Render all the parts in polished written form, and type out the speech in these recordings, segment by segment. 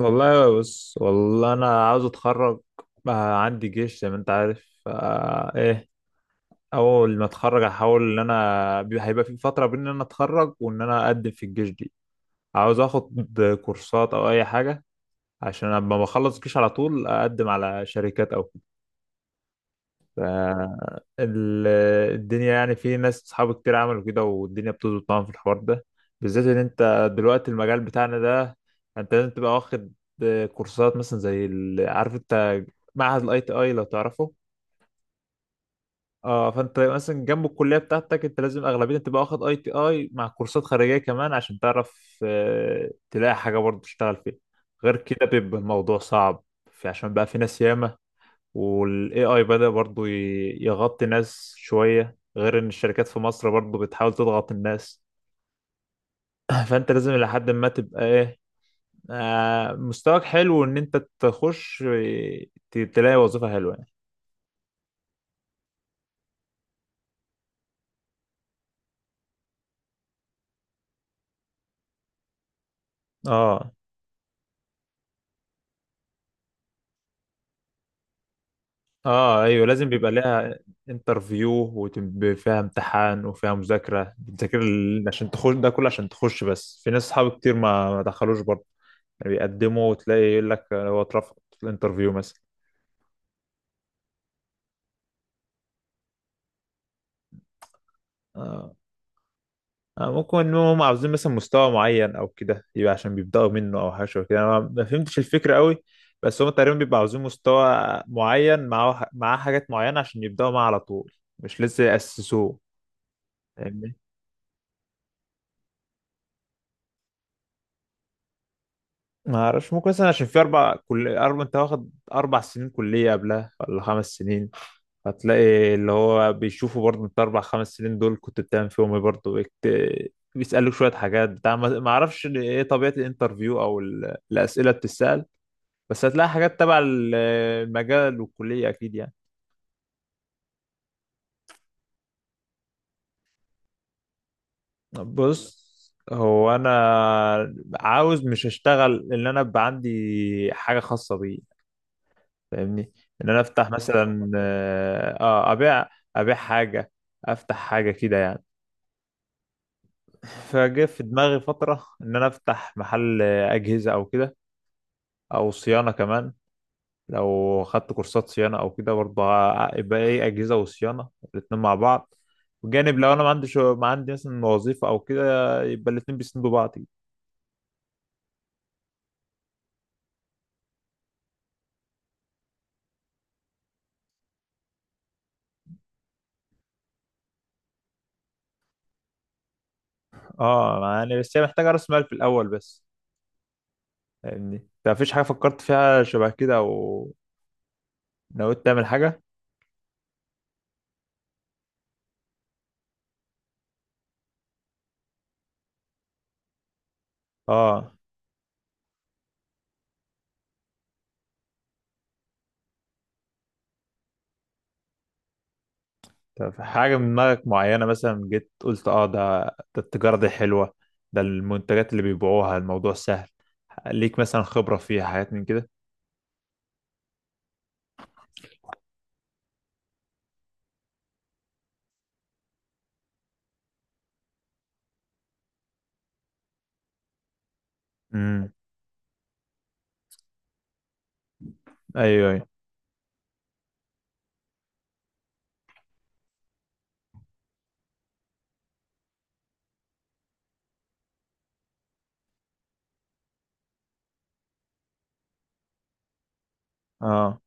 والله بص والله انا عاوز اتخرج. آه، عندي جيش زي ما انت عارف آه ايه. اول ما اتخرج هحاول ان انا هيبقى في فتره بين ان انا اتخرج وان انا اقدم في الجيش دي. عاوز اخد كورسات او اي حاجه عشان لما بخلص الجيش على طول اقدم على شركات او ال- الدنيا، يعني في ناس صحابي كتير عملوا كده والدنيا بتظبط معاهم في الحوار ده. بالذات ان انت دلوقتي المجال بتاعنا ده، انت لازم تبقى واخد كورسات مثلا زي عارف انت معهد الاي تي اي لو تعرفه. اه، فانت مثلا جنب الكليه بتاعتك انت لازم اغلبيه تبقى واخد اي تي اي مع كورسات خارجيه كمان عشان تعرف، تلاقي حاجه برضه تشتغل فيها. غير كده بيبقى الموضوع صعب. عشان بقى في ناس ياما، وال AI بدأ برضو يغطي ناس شوية، غير إن الشركات في مصر برضو بتحاول تضغط الناس. فأنت لازم لحد ما تبقى إيه، مستواك حلو إن أنت تخش، تلاقي وظيفة حلوة يعني. آه. آه، أيوه لازم بيبقى لها انترفيو، وفيها امتحان وفيها مذاكرة بتذاكر عشان تخش ده كله عشان تخش. بس في ناس أصحابي كتير ما دخلوش برضه. يعني بيقدموا وتلاقي يقول لك هو اترفض في الانترفيو مثلا. آه. آه، ممكن ان هم عاوزين مثلا مستوى معين او كده يبقى عشان بيبداوا منه او حاجه شبه كده. انا ما فهمتش الفكره قوي. بس هم تقريبا بيبقوا عاوزين مستوى معين معاه حاجات معينه عشان يبداوا معاه على طول، مش لسه ياسسوه. فاهمني. ما اعرفش، ممكن مثلا عشان في اربع، كل اربع، انت واخد اربع سنين كليه قبلها ولا خمس سنين. هتلاقي اللي هو بيشوفوا برضه انت اربع خمس سنين دول كنت بتعمل فيهم ايه. برضه بيسألوك شويه حاجات بتاع. ما اعرفش ايه طبيعه الانترفيو او الاسئله بتسأل. بس هتلاقي حاجات تبع المجال والكلية أكيد يعني. بص، هو أنا عاوز مش أشتغل، إن أنا أبقى عندي حاجة خاصة بي. فاهمني؟ إن أنا أفتح مثلا، أبيع، أبيع حاجة، أفتح حاجة كده يعني. فجه في دماغي فترة إن أنا أفتح محل أجهزة أو كده، أو صيانة كمان. لو خدت كورسات صيانة أو كده برضه يبقى إيه، أجهزة وصيانة الاتنين مع بعض. وجانب لو أنا ما عنديش، ما عندي مثلا وظيفة أو كده، يبقى الاتنين بيسندوا بعض كده. اه، يعني بس هي محتاجة رأس مال في الأول بس. فاهمني أنت؟ مفيش حاجة فكرت فيها شبه كده أو نويت تعمل حاجة؟ اه. طب حاجة من دماغك معينة، مثلا جيت قلت اه ده، ده التجارة دي حلوة، ده المنتجات اللي بيبيعوها الموضوع سهل، ليك مثلا خبرة فيها حاجات من كده؟ امم. أيوه أيوه. اه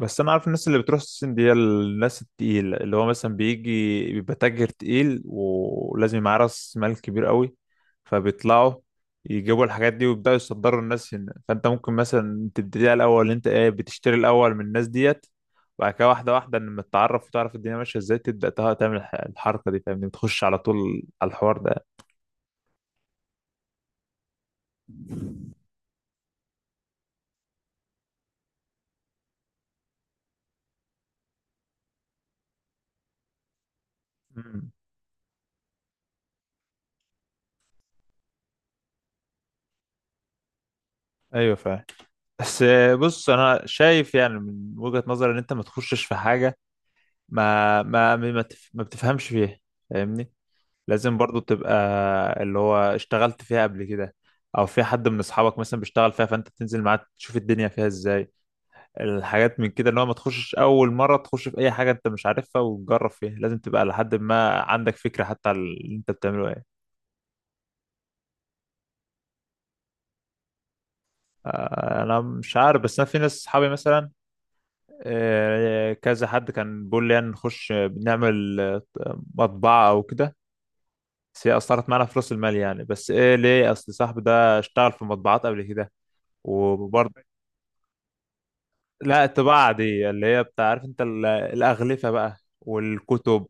بس انا عارف الناس اللي بتروح الصين دي هي الناس التقيل، اللي هو مثلا بيجي بيبقى تاجر تقيل ولازم يبقى معاه راس مال كبير قوي، فبيطلعوا يجيبوا الحاجات دي ويبداوا يصدروا الناس هنا. فانت ممكن مثلا تبتدي على الاول، انت ايه، بتشتري الاول من الناس ديت، وبعد كده واحده واحده لما تتعرف وتعرف الدنيا ماشيه ازاي تبدا تعمل الحركه دي. فاهمني، تخش على طول على الحوار ده. مم. ايوه فاهم. بس بص، انا شايف يعني من وجهة نظري ان انت ما تخشش في حاجه ما بتفهمش فيها. فاهمني؟ لازم برضو تبقى اللي هو اشتغلت فيها قبل كده، او في حد من اصحابك مثلا بيشتغل فيها فانت تنزل معاه تشوف الدنيا فيها ازاي، الحاجات من كده. اللي هو ما تخشش اول مره تخش في اي حاجه انت مش عارفها وتجرب فيها، لازم تبقى لحد ما عندك فكره حتى على اللي انت بتعمله ايه. انا مش عارف، بس انا في ناس اصحابي مثلا، كذا حد كان بيقول لي يعني نخش بنعمل، مطبعه او كده. بس هي أثرت معانا في رأس المال يعني. بس إيه ليه، أصل صاحبي ده اشتغل في مطبعات قبل كده. وبرضه، لا الطباعة دي اللي هي بتاع عارف أنت الأغلفة بقى والكتب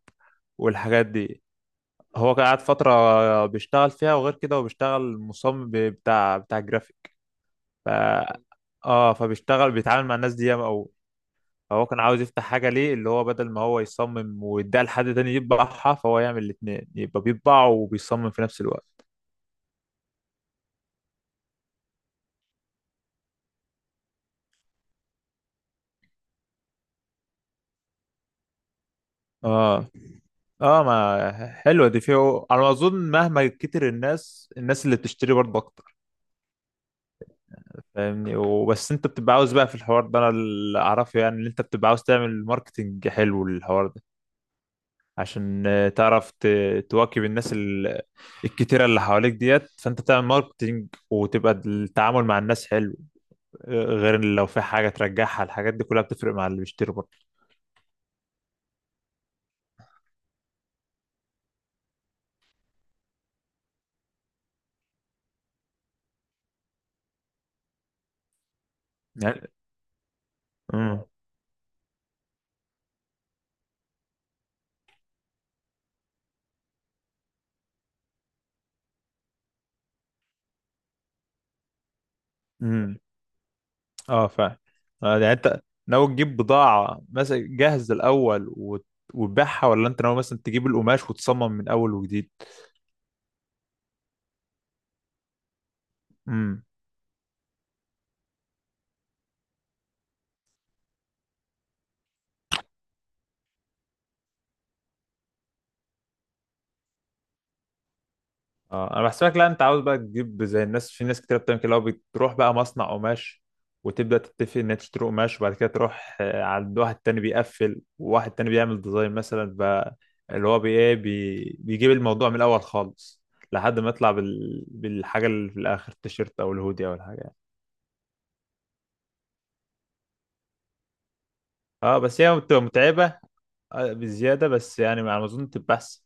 والحاجات دي. هو كان قاعد فترة بيشتغل فيها، وغير كده هو بيشتغل مصمم بتاع جرافيك. ف... اه، فبيشتغل بيتعامل مع الناس دي ياما أوي. فهو كان عاوز يفتح حاجة ليه، اللي هو بدل ما هو يصمم ويديها لحد تاني يطبعها، فهو يعمل الاتنين يبقى بيطبع وبيصمم في نفس الوقت. اه. اه ما حلوه دي، فيه انا اظن مهما كتر الناس، الناس اللي بتشتري برضه اكتر. فاهمني؟ وبس انت بتبقى عاوز بقى في الحوار ده، انا اللي اعرفه يعني ان انت بتبقى عاوز تعمل ماركتنج حلو للحوار ده، عشان تعرف تواكب الناس الكتيره اللي حواليك ديت. فانت تعمل ماركتنج وتبقى التعامل مع الناس حلو. آه، غير إن لو في حاجه ترجعها، الحاجات دي كلها بتفرق مع اللي بيشتري برضه. يعني امم. اه فعلا. آه، يعني انت ناوي تجيب بضاعة مثلا جاهز الأول وتبيعها، ولا انت ناوي مثلا تجيب القماش وتصمم من أول وجديد؟ امم. اه انا بحسبك، لا، انت عاوز بقى تجيب زي الناس، في ناس كتير بتعمل كده اللي هو بتروح بقى مصنع قماش وتبدأ تتفق ان انت تشتري قماش، وبعد كده تروح، آه، عند واحد تاني بيقفل، وواحد تاني بيعمل ديزاين مثلا بقى. اللي هو بي بيجيب الموضوع من الأول خالص لحد ما يطلع بال... بالحاجة اللي في الآخر، التيشيرت أو الهودي أو الحاجة يعني. اه بس هي بتبقى متعبة. آه، بزيادة بس يعني، على ما أظن تبقى أحسن.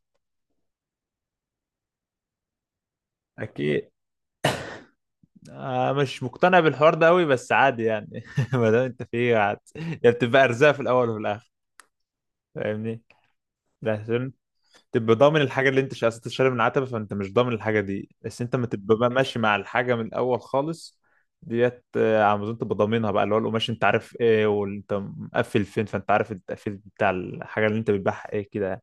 أكيد. آه مش مقتنع بالحوار ده أوي، بس عادي يعني. ما دام أنت فيه عادي يعني، بتبقى أرزاق في الأول وفي الآخر. فاهمني؟ ده عشان تبقى ضامن الحاجة، اللي أنت مش عايز تشتري من العتبة فأنت مش ضامن الحاجة دي، بس أنت ما تبقى بقى ماشي مع الحاجة من الأول خالص. ديت آه، على ما أظن تبقى ضامنها بقى، اللي هو القماش أنت عارف إيه، وأنت مقفل فين، فأنت عارف التقفيل بتاع الحاجة اللي أنت بتبيعها إيه كده يعني.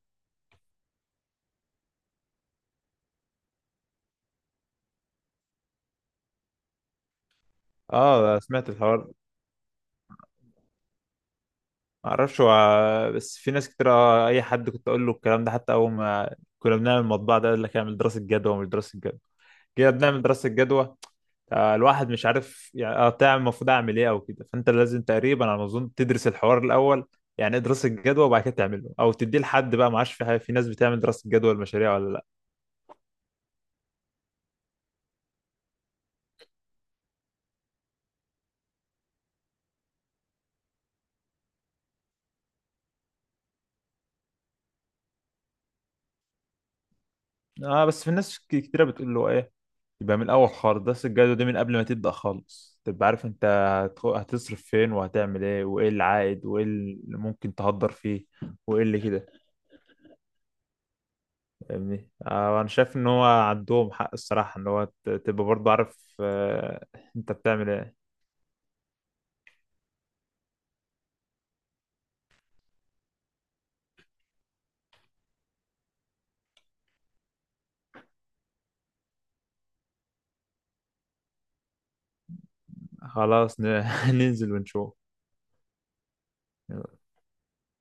اه سمعت الحوار. معرفش هو، بس في ناس كتير، آه، اي حد كنت اقول له الكلام ده حتى اول ما كنا بنعمل المطبعه ده يقول لك اعمل دراسه جدوى، مش دراسه جدوى. جينا بنعمل دراسه جدوى، الواحد مش عارف يعني، تعمل، المفروض اعمل ايه او كده. فانت لازم تقريبا على ما اظن تدرس الحوار الاول، يعني ايه دراسه جدوى، وبعد كده تعمله او تديه لحد بقى، ما عادش في حاجه، في ناس بتعمل دراسه جدوى المشاريع ولا لا. اه بس في ناس كتيره بتقول له ايه، يبقى من الاول خالص دراسه الجدوى دي من قبل ما تبدا خالص تبقى عارف انت هتصرف فين وهتعمل ايه وايه العائد وايه اللي ممكن تهدر فيه وايه اللي كده. فاهمني؟ آه، انا شايف ان هو عندهم حق الصراحه، ان هو تبقى برضه عارف، آه، انت بتعمل ايه. خلاص ننزل ونشوف.